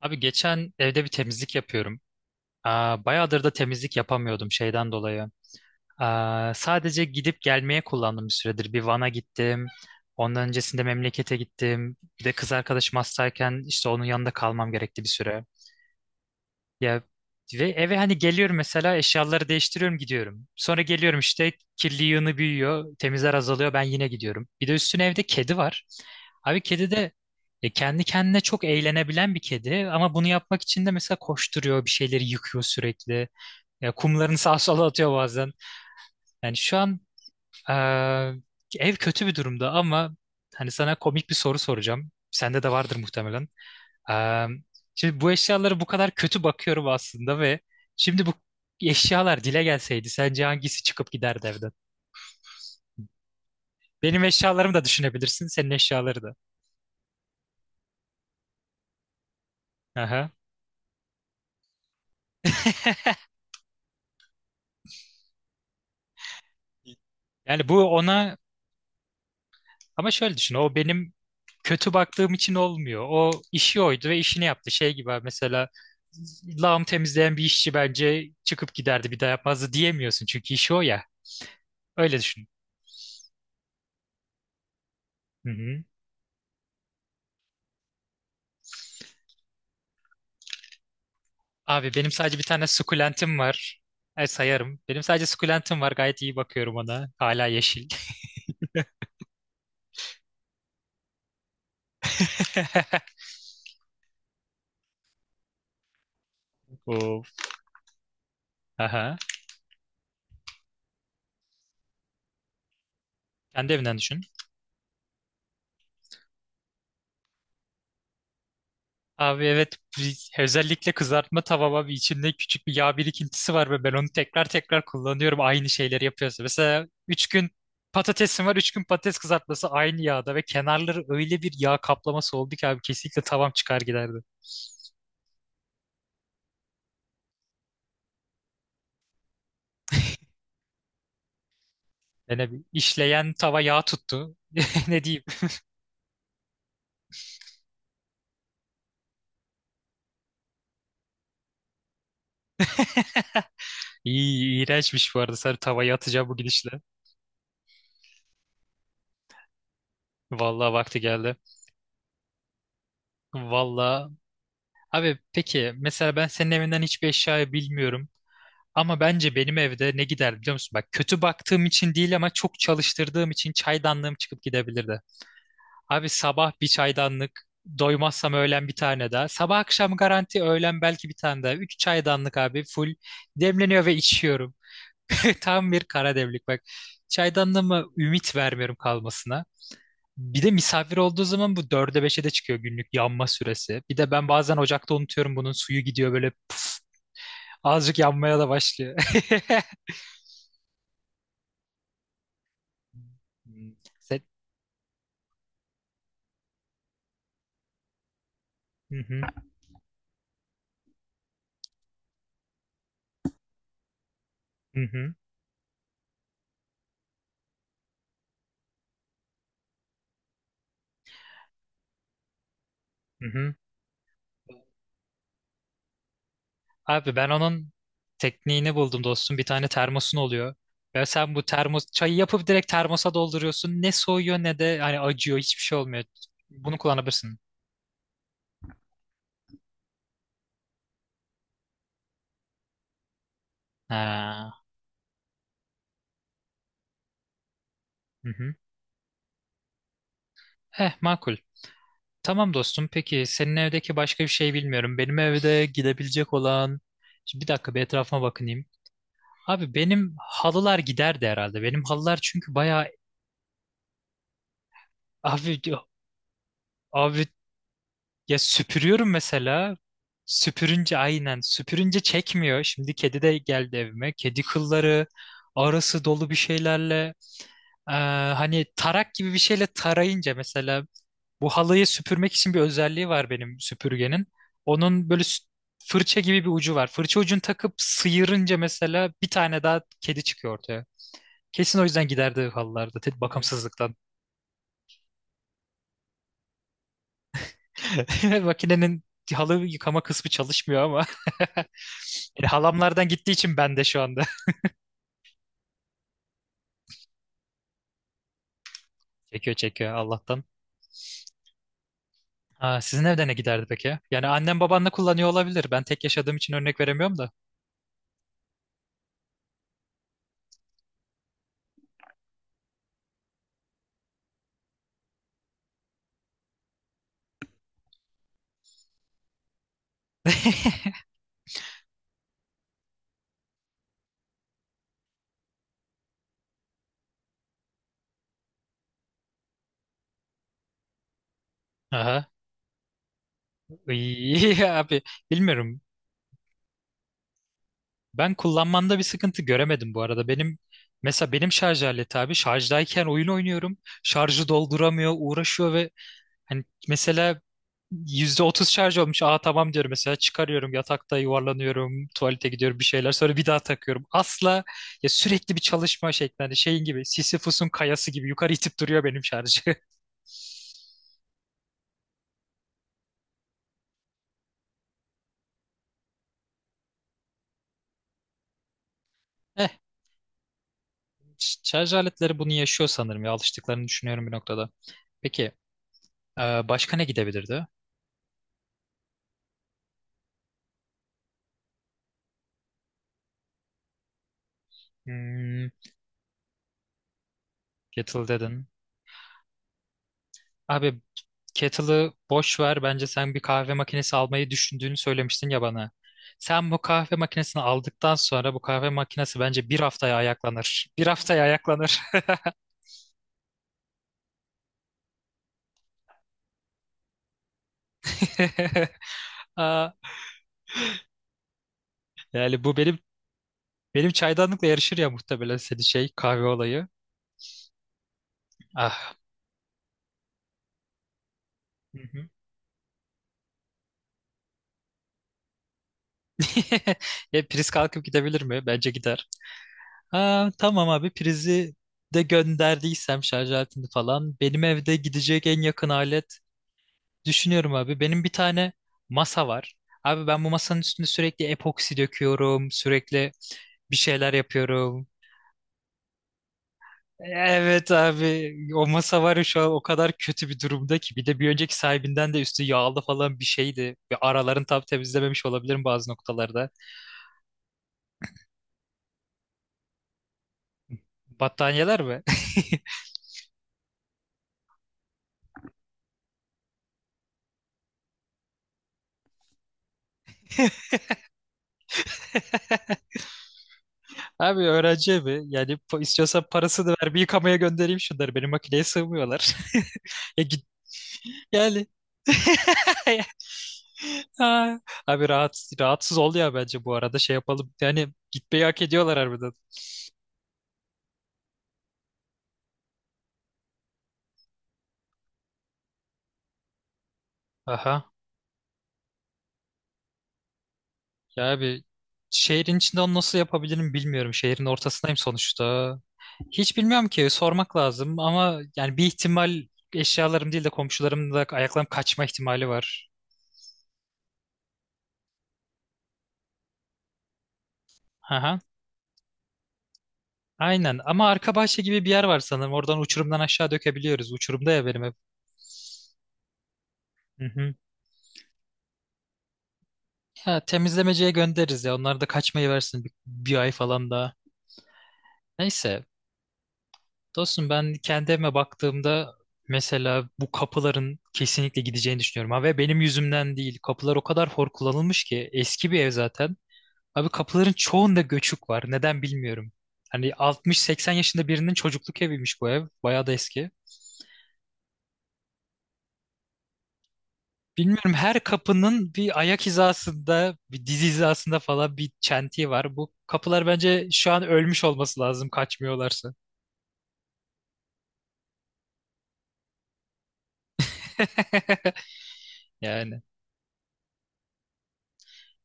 Abi geçen evde bir temizlik yapıyorum. Aa, bayağıdır da temizlik yapamıyordum şeyden dolayı. Aa, sadece gidip gelmeye kullandım bir süredir. Bir Van'a gittim. Ondan öncesinde memlekete gittim. Bir de kız arkadaşım hastayken işte onun yanında kalmam gerekti bir süre. Ya ve eve hani geliyorum mesela eşyaları değiştiriyorum gidiyorum. Sonra geliyorum işte kirli yığını büyüyor, temizler azalıyor ben yine gidiyorum. Bir de üstüne evde kedi var. Abi kedi de kendi kendine çok eğlenebilen bir kedi ama bunu yapmak için de mesela koşturuyor, bir şeyleri yıkıyor sürekli. Ya, kumlarını sağa sola atıyor bazen. Yani şu an e, ev kötü bir durumda ama hani sana komik bir soru soracağım. Sende de vardır muhtemelen. Eee, şimdi bu eşyalara bu kadar kötü bakıyorum aslında ve şimdi bu eşyalar dile gelseydi sence hangisi çıkıp giderdi evden? Benim eşyalarımı da düşünebilirsin, senin eşyaları da. Aha. Yani bu ona ama şöyle düşün o benim kötü baktığım için olmuyor. O işi oydu ve işini yaptı. Şey gibi abi, mesela lağım temizleyen bir işçi bence çıkıp giderdi bir daha yapmazdı diyemiyorsun çünkü işi o ya. Öyle düşün. Hı hı. Abi benim sadece bir tane sukulentim var. E, sayarım. Benim sadece sukulentim var. Gayet iyi bakıyorum ona. Hala yeşil. Of. Aha. Kendi evinden düşün. Abi evet özellikle kızartma tavama bir içinde küçük bir yağ birikintisi var ve ben onu tekrar tekrar kullanıyorum aynı şeyleri yapıyorsa. Mesela üç gün patatesim var 3 gün patates kızartması aynı yağda ve kenarları öyle bir yağ kaplaması oldu ki abi kesinlikle tavam çıkar giderdi. Yani bir işleyen tava yağ tuttu. Ne diyeyim? İyi, iğrençmiş bu arada. Sen tavaya atacağım bu gidişle. Vallahi vakti geldi. Vallahi. Abi peki mesela ben senin evinden hiçbir eşyayı bilmiyorum. Ama bence benim evde ne gider biliyor musun? Bak kötü baktığım için değil ama çok çalıştırdığım için çaydanlığım çıkıp gidebilirdi. Abi sabah bir çaydanlık, doymazsam öğlen bir tane daha. Sabah akşam garanti, öğlen belki bir tane daha. Üç çaydanlık abi full demleniyor ve içiyorum. Tam bir kara demlik bak. Çaydanlığıma ümit vermiyorum kalmasına. Bir de misafir olduğu zaman bu dörde beşe de çıkıyor günlük yanma süresi. Bir de ben bazen ocakta unutuyorum bunun suyu gidiyor böyle puf, azıcık yanmaya da başlıyor. Hmm. Set. Hı hı, hı hı, hı hı. Abi ben onun tekniğini buldum dostum. Bir tane termosun oluyor. Ve sen bu termos çayı yapıp direkt termosa dolduruyorsun. Ne soğuyor ne de hani acıyor hiçbir şey olmuyor. Bunu kullanabilirsin. Ha. Hı hı. Eh makul. Tamam dostum. Peki senin evdeki başka bir şey bilmiyorum. Benim evde gidebilecek olan... Şimdi bir dakika bir etrafıma bakınayım. Abi benim halılar giderdi herhalde. Benim halılar çünkü bayağı... Abi, abi ya süpürüyorum mesela. Süpürünce aynen. Süpürünce çekmiyor. Şimdi kedi de geldi evime. Kedi kılları arası dolu bir şeylerle. eee, hani tarak gibi bir şeyle tarayınca mesela bu halıyı süpürmek için bir özelliği var benim süpürgenin. Onun böyle fırça gibi bir ucu var. Fırça ucunu takıp sıyırınca mesela bir tane daha kedi çıkıyor ortaya. Kesin o yüzden giderdi halılarda bakımsızlıktan. Makinenin halı yıkama kısmı çalışmıyor ama. Yani halamlardan gittiği için ben de şu anda. Çekiyor çekiyor Allah'tan. Aa, sizin evde ne giderdi peki? Yani annem babanla kullanıyor olabilir. Ben tek yaşadığım için örnek veremiyorum da. Aha. İyi abi. Bilmiyorum. Ben kullanmanda bir sıkıntı göremedim bu arada. Benim mesela benim şarj aleti abi şarjdayken oyun oynuyorum. Şarjı dolduramıyor, uğraşıyor ve hani mesela %30 şarj olmuş. Aa tamam diyorum mesela çıkarıyorum yatakta yuvarlanıyorum, tuvalete gidiyorum bir şeyler sonra bir daha takıyorum. Asla ya sürekli bir çalışma şeklinde hani şeyin gibi Sisyphus'un kayası gibi yukarı itip duruyor benim şarjı. Eh, şarj aletleri bunu yaşıyor sanırım ya alıştıklarını düşünüyorum bir noktada. Peki başka ne gidebilirdi? Hmm. Kettle dedin. Abi kettle'ı boş ver. Bence sen bir kahve makinesi almayı düşündüğünü söylemiştin ya bana. Sen bu kahve makinesini aldıktan sonra bu kahve makinesi bence bir haftaya ayaklanır. Bir haftaya ayaklanır. Aa, yani bu benim çaydanlıkla yarışır ya muhtemelen senin şey kahve olayı. Ah. Hı hı. E, priz kalkıp gidebilir mi? Bence gider. Aa, tamam abi prizi de gönderdiysem şarj aletini falan benim evde gidecek en yakın alet. Düşünüyorum abi. Benim bir tane masa var. Abi ben bu masanın üstünde sürekli epoksi döküyorum. Sürekli bir şeyler yapıyorum. Evet abi o masa var ya şu an o kadar kötü bir durumda ki. Bir de bir önceki sahibinden de üstü yağlı falan bir şeydi. Ve aralarını tam temizlememiş olabilirim bazı noktalarda. Battaniyeler mi? Abi öğrenci evi. Yani istiyorsan parasını ver bir yıkamaya göndereyim şunları. Benim makineye sığmıyorlar. Ya git yani. Ha. Abi rahatsız ol ya bence bu arada şey yapalım. Yani gitmeyi hak ediyorlar harbiden. Aha. Ya abi şehrin içinde onu nasıl yapabilirim bilmiyorum. Şehrin ortasındayım sonuçta. Hiç bilmiyorum ki sormak lazım ama yani bir ihtimal eşyalarım değil de komşularımın da ayaklarım kaçma ihtimali var. Aha. Aynen ama arka bahçe gibi bir yer var sanırım. Oradan uçurumdan aşağı dökebiliyoruz. Uçurumda ya benim ev. Hı hı. Ya temizlemeciye göndeririz ya. Onlar da kaçmayı versin bir ay falan daha. Neyse. Dostum ben kendi evime baktığımda mesela bu kapıların kesinlikle gideceğini düşünüyorum. Ha, ve benim yüzümden değil. Kapılar o kadar hor kullanılmış ki eski bir ev zaten. Abi kapıların çoğunda göçük var. Neden bilmiyorum. Hani 60-80 yaşında birinin çocukluk eviymiş bu ev. Bayağı da eski. Bilmiyorum her kapının bir ayak hizasında, bir diz hizasında falan bir çentiği var. Bu kapılar bence şu an ölmüş olması lazım kaçmıyorlarsa. Yani.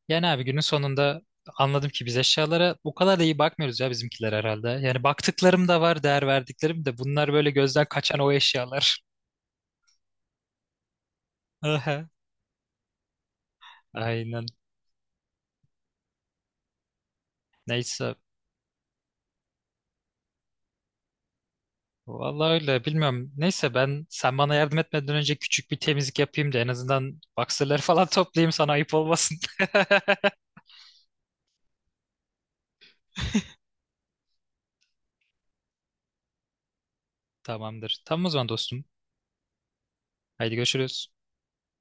Yani abi günün sonunda anladım ki biz eşyalara o kadar da iyi bakmıyoruz ya bizimkiler herhalde. Yani baktıklarım da var, değer verdiklerim de bunlar böyle gözden kaçan o eşyalar. Aha. Aynen. Neyse. Vallahi öyle bilmiyorum. Neyse ben sen bana yardım etmeden önce küçük bir temizlik yapayım da en azından boxerları falan toplayayım sana ayıp olmasın. Tamamdır. Tamam o zaman dostum. Haydi görüşürüz.